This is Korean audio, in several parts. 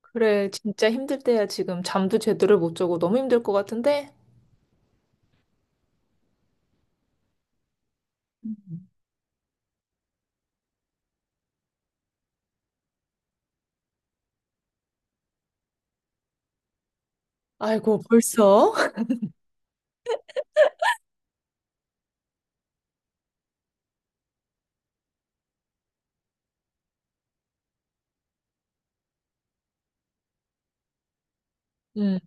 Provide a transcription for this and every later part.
그래, 진짜 힘들 때야. 지금 잠도 제대로 못 자고 너무 힘들 것 같은데? 아이고, 벌써? 응,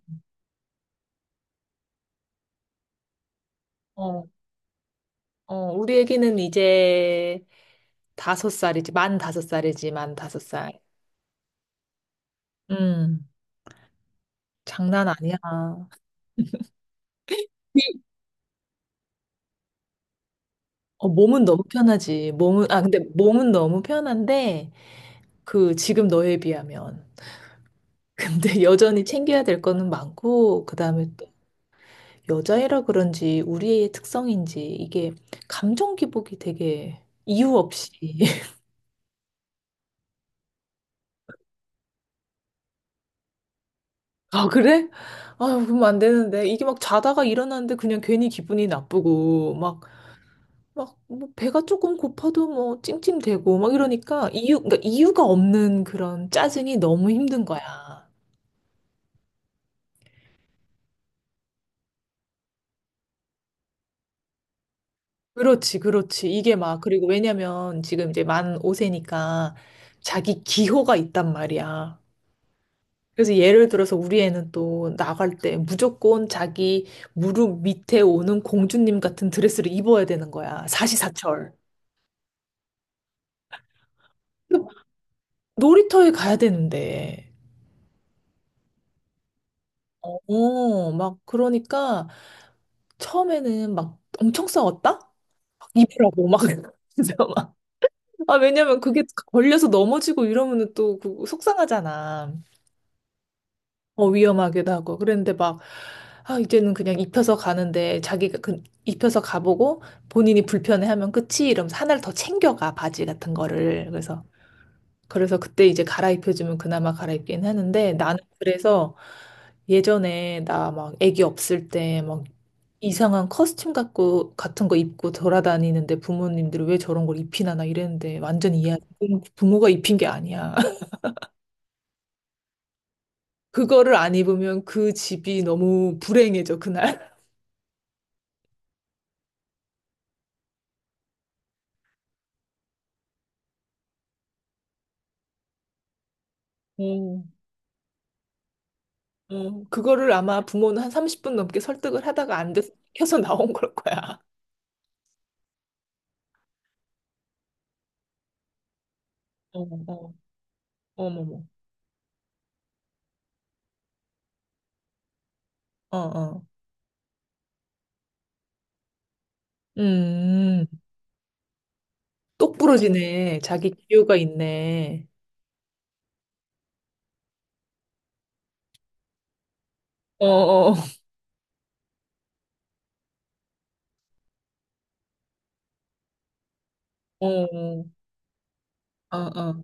어, 어, 우리 애기는 이제 5살이지, 만 5살이지, 만 5살. 음, 장난 아니야. 이- 몸은 너무 편하지. 근데 몸은 너무 편한데, 지금 너에 비하면. 근데 여전히 챙겨야 될 거는 많고, 그 다음에 또, 여자애라 그런지, 우리 애의 특성인지, 이게 감정 기복이 되게 이유 없이. 아, 그래? 아, 그러면 안 되는데. 이게 막 자다가 일어났는데 그냥 괜히 기분이 나쁘고, 막, 뭐, 배가 조금 고파도 뭐, 찡찡대고, 막 이러니까, 그러니까 이유가 없는 그런 짜증이 너무 힘든 거야. 그렇지, 그렇지. 이게 막, 그리고 왜냐면 지금 이제 만 5세니까 자기 기호가 있단 말이야. 그래서 예를 들어서 우리 애는 또 나갈 때 무조건 자기 무릎 밑에 오는 공주님 같은 드레스를 입어야 되는 거야. 사시사철. 놀이터에 가야 되는데. 어, 어, 막 그러니까 처음에는 막 엄청 싸웠다. 막 입으라고 막, 진짜 막. 아, 왜냐면 그게 걸려서 넘어지고 이러면은 또 속상하잖아. 어, 위험하기도 하고. 그랬는데 막, 아, 이제는 그냥 입혀서 가는데, 자기가 그 입혀서 가보고 본인이 불편해하면 끝이, 이러면서 하나를 더 챙겨가. 바지 같은 거를. 그래서, 그래서 그때 이제 갈아입혀주면 그나마 갈아입긴 하는데. 나는 그래서 예전에 나 막 애기 없을 때 막 이상한 커스튬 갖고 같은 거 입고 돌아다니는데 부모님들이 왜 저런 걸 입히나, 나 이랬는데, 완전 이해. 부모가 입힌 게 아니야. 그거를 안 입으면 그 집이 너무 불행해져 그날. 음. 어, 그거를 아마 부모는 한 30분 넘게 설득을 하다가 안 돼서 켜서 나온 걸 거야. 어, 어, 어머머. 어, 어. 음. 똑부러지네. 자기 기호가 있네. 어, 어, 어, 어, 어,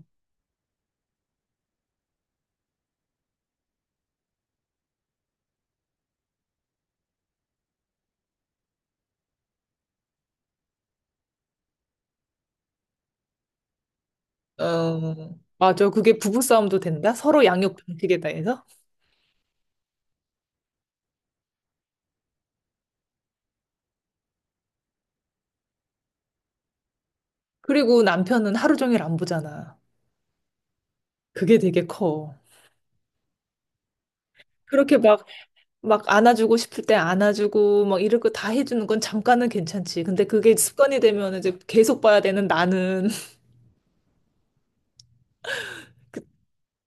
어, 어. 맞아. 그게 부부싸움도 된다. 서로 양육 방식에 대해서. 그리고 남편은 하루 종일 안 보잖아. 그게 되게 커. 그렇게 막, 안아주고 싶을 때 안아주고, 막 이런 거 다 해주는 건 잠깐은 괜찮지. 근데 그게 습관이 되면 이제 계속 봐야 되는 나는.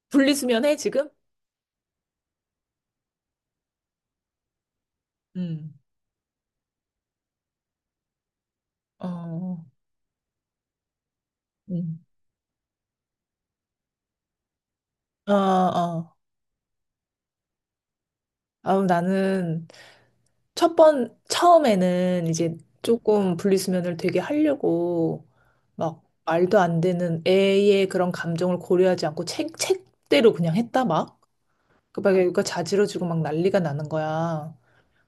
분리수면해, 지금? 음. 어. 음. 어, 어. 아우, 나는 처음에는 이제 조금 분리수면을 되게 하려고 막 말도 안 되는 애의 그런 감정을 고려하지 않고 책대로 그냥 했다 막. 그러니까 자지러지고 막 난리가 나는 거야.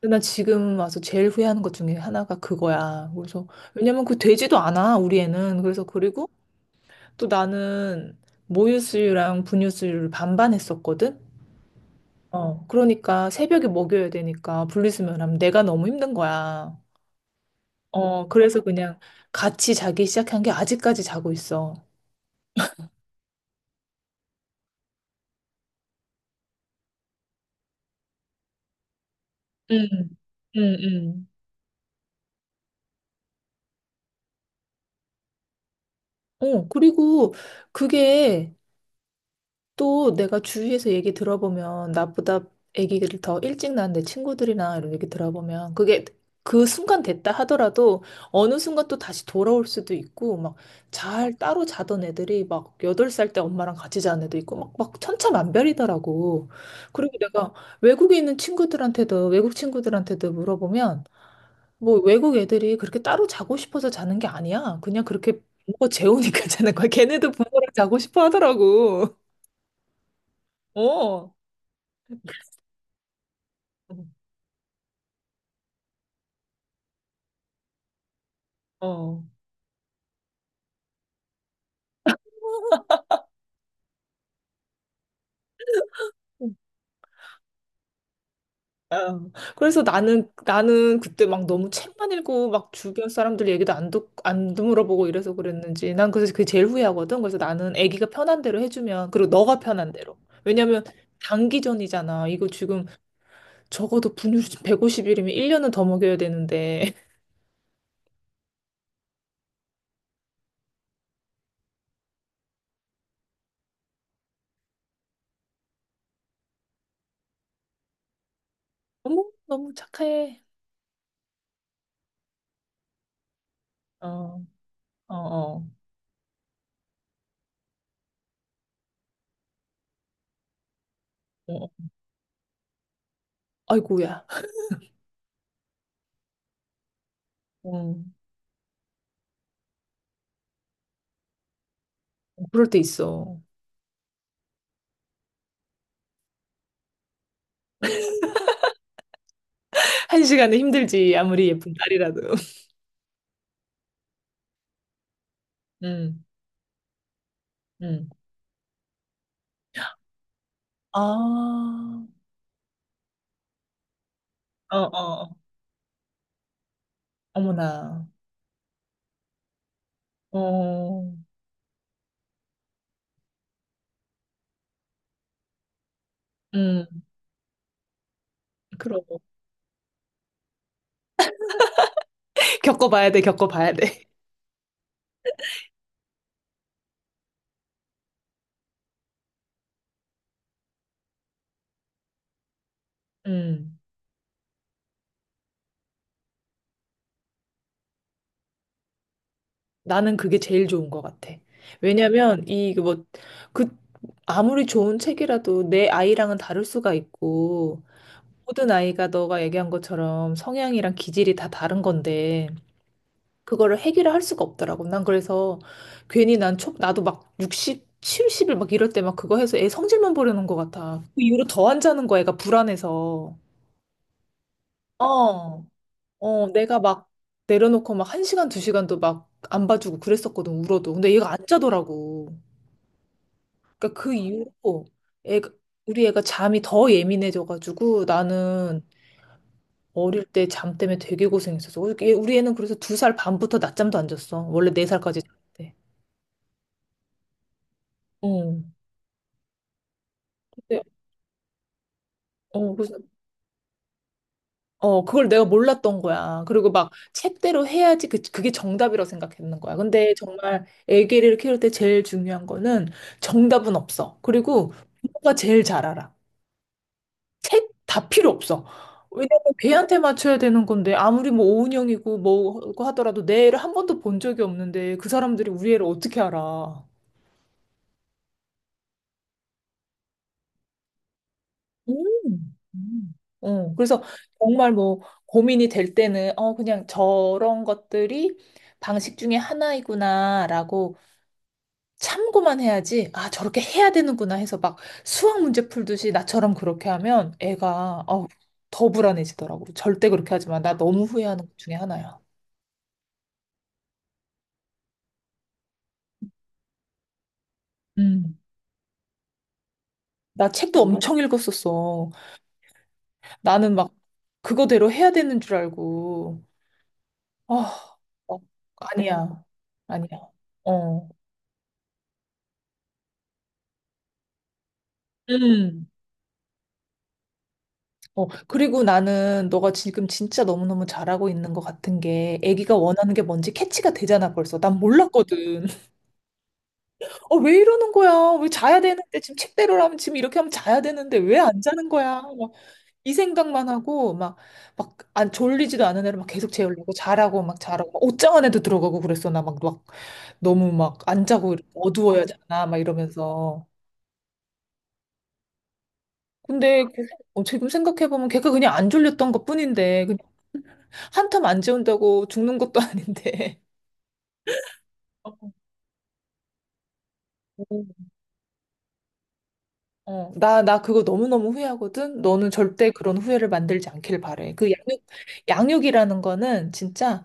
근데 나 지금 와서 제일 후회하는 것 중에 하나가 그거야. 그래서, 왜냐면 그 되지도 않아, 우리 애는. 그래서, 그리고 또 나는 모유수유랑 분유수유를 반반 했었거든? 어, 그러니까 새벽에 먹여야 되니까, 분리수면하면 내가 너무 힘든 거야. 어, 그래서 그냥 같이 자기 시작한 게 아직까지 자고 있어. 응, 응, 응. 어, 그리고 그게, 또 내가 주위에서 얘기 들어보면 나보다 아기를 더 일찍 낳은 내 친구들이나, 이런 얘기 들어보면 그게 그 순간 됐다 하더라도 어느 순간 또 다시 돌아올 수도 있고, 막 잘 따로 자던 애들이 막 8살 때 엄마랑 같이 자는 애도 있고, 막, 막 천차만별이더라고. 그리고 내가 외국 친구들한테도 물어보면 뭐, 외국 애들이 그렇게 따로 자고 싶어서 자는 게 아니야. 그냥 그렇게 부모가 재우니까 자는 거야. 걔네도 부모랑 자고 싶어 하더라고. 어. 어. 어. 그래서 나는 그때 막 너무 책만 읽고 막 주변 사람들 얘기도 안 물어보고 이래서 그랬는지, 난 그래서 그게 제일 후회하거든. 그래서 나는 아기가 편한 대로 해주면, 그리고 너가 편한 대로. 왜냐면 단기전이잖아, 이거 지금. 적어도 분유를 150일이면 1년은 더 먹여야 되는데. 어머, 너무 착해. 어. 어, 어, 어. 아이고야. 어, 그럴 때 있어. 1시간은 힘들지, 아무리 예쁜 딸이라도. 음, 음. 아, 어, 어. 어머나. 어, 음, 그러고. 겪어봐야 돼, 겪어봐야 돼. 음, 나는 그게 제일 좋은 것 같아. 왜냐면, 이, 그 뭐, 그, 아무리 좋은 책이라도 내 아이랑은 다를 수가 있고, 모든 아이가 너가 얘기한 것처럼 성향이랑 기질이 다 다른 건데, 그거를 해결을 할 수가 없더라고. 난 그래서 괜히 나도 막 60, 70일 막 이럴 때 막 그거 해서 애 성질만 부리는 것 같아. 그 이후로 더 안 자는 거야, 애가 불안해서. 어, 어, 내가 막 내려놓고 막 1시간 2시간도 막 안 봐주고 그랬었거든, 울어도. 근데 얘가 안 자더라고. 그러니까 그 이후로 애가, 우리 애가 잠이 더 예민해져가지고, 나는 어릴 때 잠 때문에 되게 고생했었어. 우리 애는 그래서 두 살 반부터 낮잠도 안 잤어. 원래 4살까지 잤대. 응. 그래서, 그걸 내가 몰랐던 거야. 그리고 막 책대로 해야지, 그게 정답이라고 생각했는 거야. 근데 정말 애기를 키울 때 제일 중요한 거는 정답은 없어. 그리고 부모가 제일 잘 알아. 책 다 필요 없어. 왜냐면 걔한테 맞춰야 되는 건데, 아무리 뭐 오은영이고 뭐고 하더라도 내 애를 한 번도 본 적이 없는데 그 사람들이 우리 애를 어떻게 알아? 음. 음. 그래서 정말 뭐 고민이 될 때는, 그냥 저런 것들이 방식 중에 하나이구나라고 참고만 해야지, 아, 저렇게 해야 되는구나 해서 막 수학 문제 풀듯이 나처럼 그렇게 하면, 애가 더 불안해지더라고. 절대 그렇게 하지 마. 나 너무 후회하는 것 중에 하나야. 음. 나 책도 엄청 읽었었어. 나는 막 그거대로 해야 되는 줄 알고. 아, 어, 아니야. 아니야. 어. 음. 그리고 나는 너가 지금 진짜 너무너무 잘하고 있는 것 같은 게, 아기가 원하는 게 뭔지 캐치가 되잖아 벌써. 난 몰랐거든. 왜 이러는 거야? 왜 자야 되는데, 지금 책대로라면 지금 이렇게 하면 자야 되는데, 왜 안 자는 거야? 막 이 생각만 하고, 막 안 졸리지도 않은 애를 막 계속 재우려고, 자라고 막, 자라고 막, 옷장 안에도 들어가고 그랬어. 나 막 막 너무 막 안 자고, 이렇게 어두워야 자나 막 이러면서. 근데 지금 생각해보면 걔가 그냥 안 졸렸던 것뿐인데, 한텀 안 재운다고 죽는 것도 아닌데. 음. 나 그거 너무너무 후회하거든? 너는 절대 그런 후회를 만들지 않길 바래. 양육이라는 거는 진짜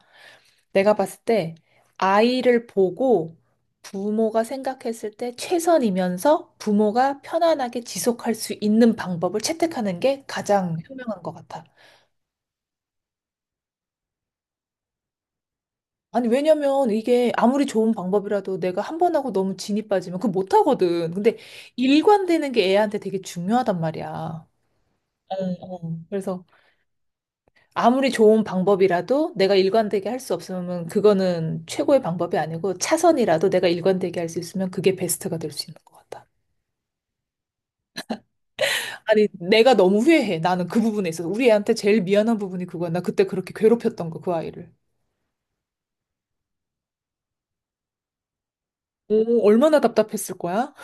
내가 봤을 때, 아이를 보고 부모가 생각했을 때 최선이면서 부모가 편안하게 지속할 수 있는 방법을 채택하는 게 가장 현명한 것 같아. 아니, 왜냐면 이게 아무리 좋은 방법이라도 내가 한 번 하고 너무 진이 빠지면 그거 못하거든. 근데 일관되는 게 애한테 되게 중요하단 말이야. 응, 응. 그래서 아무리 좋은 방법이라도 내가 일관되게 할 수 없으면 그거는 최고의 방법이 아니고, 차선이라도 내가 일관되게 할 수 있으면 그게 베스트가 될 수 있는 것 같다. 아니, 내가 너무 후회해. 나는 그 부분에 있어서. 우리 애한테 제일 미안한 부분이 그거야. 나 그때 그렇게 괴롭혔던 거, 그 아이를. 오, 얼마나 답답했을 거야?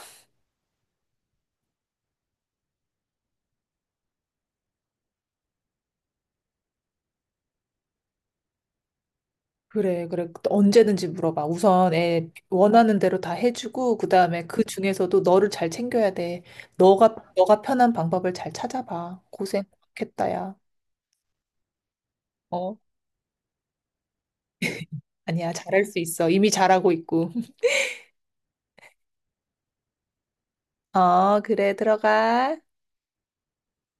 그래, 그래. 언제든지 물어봐. 우선 애 원하는 대로 다 해주고, 그 다음에 그 중에서도 너를 잘 챙겨야 돼. 너가 편한 방법을 잘 찾아봐. 고생 했다 야. 어, 아니야. 잘할 수 있어. 이미 잘하고 있고. 어, 그래. 들어가.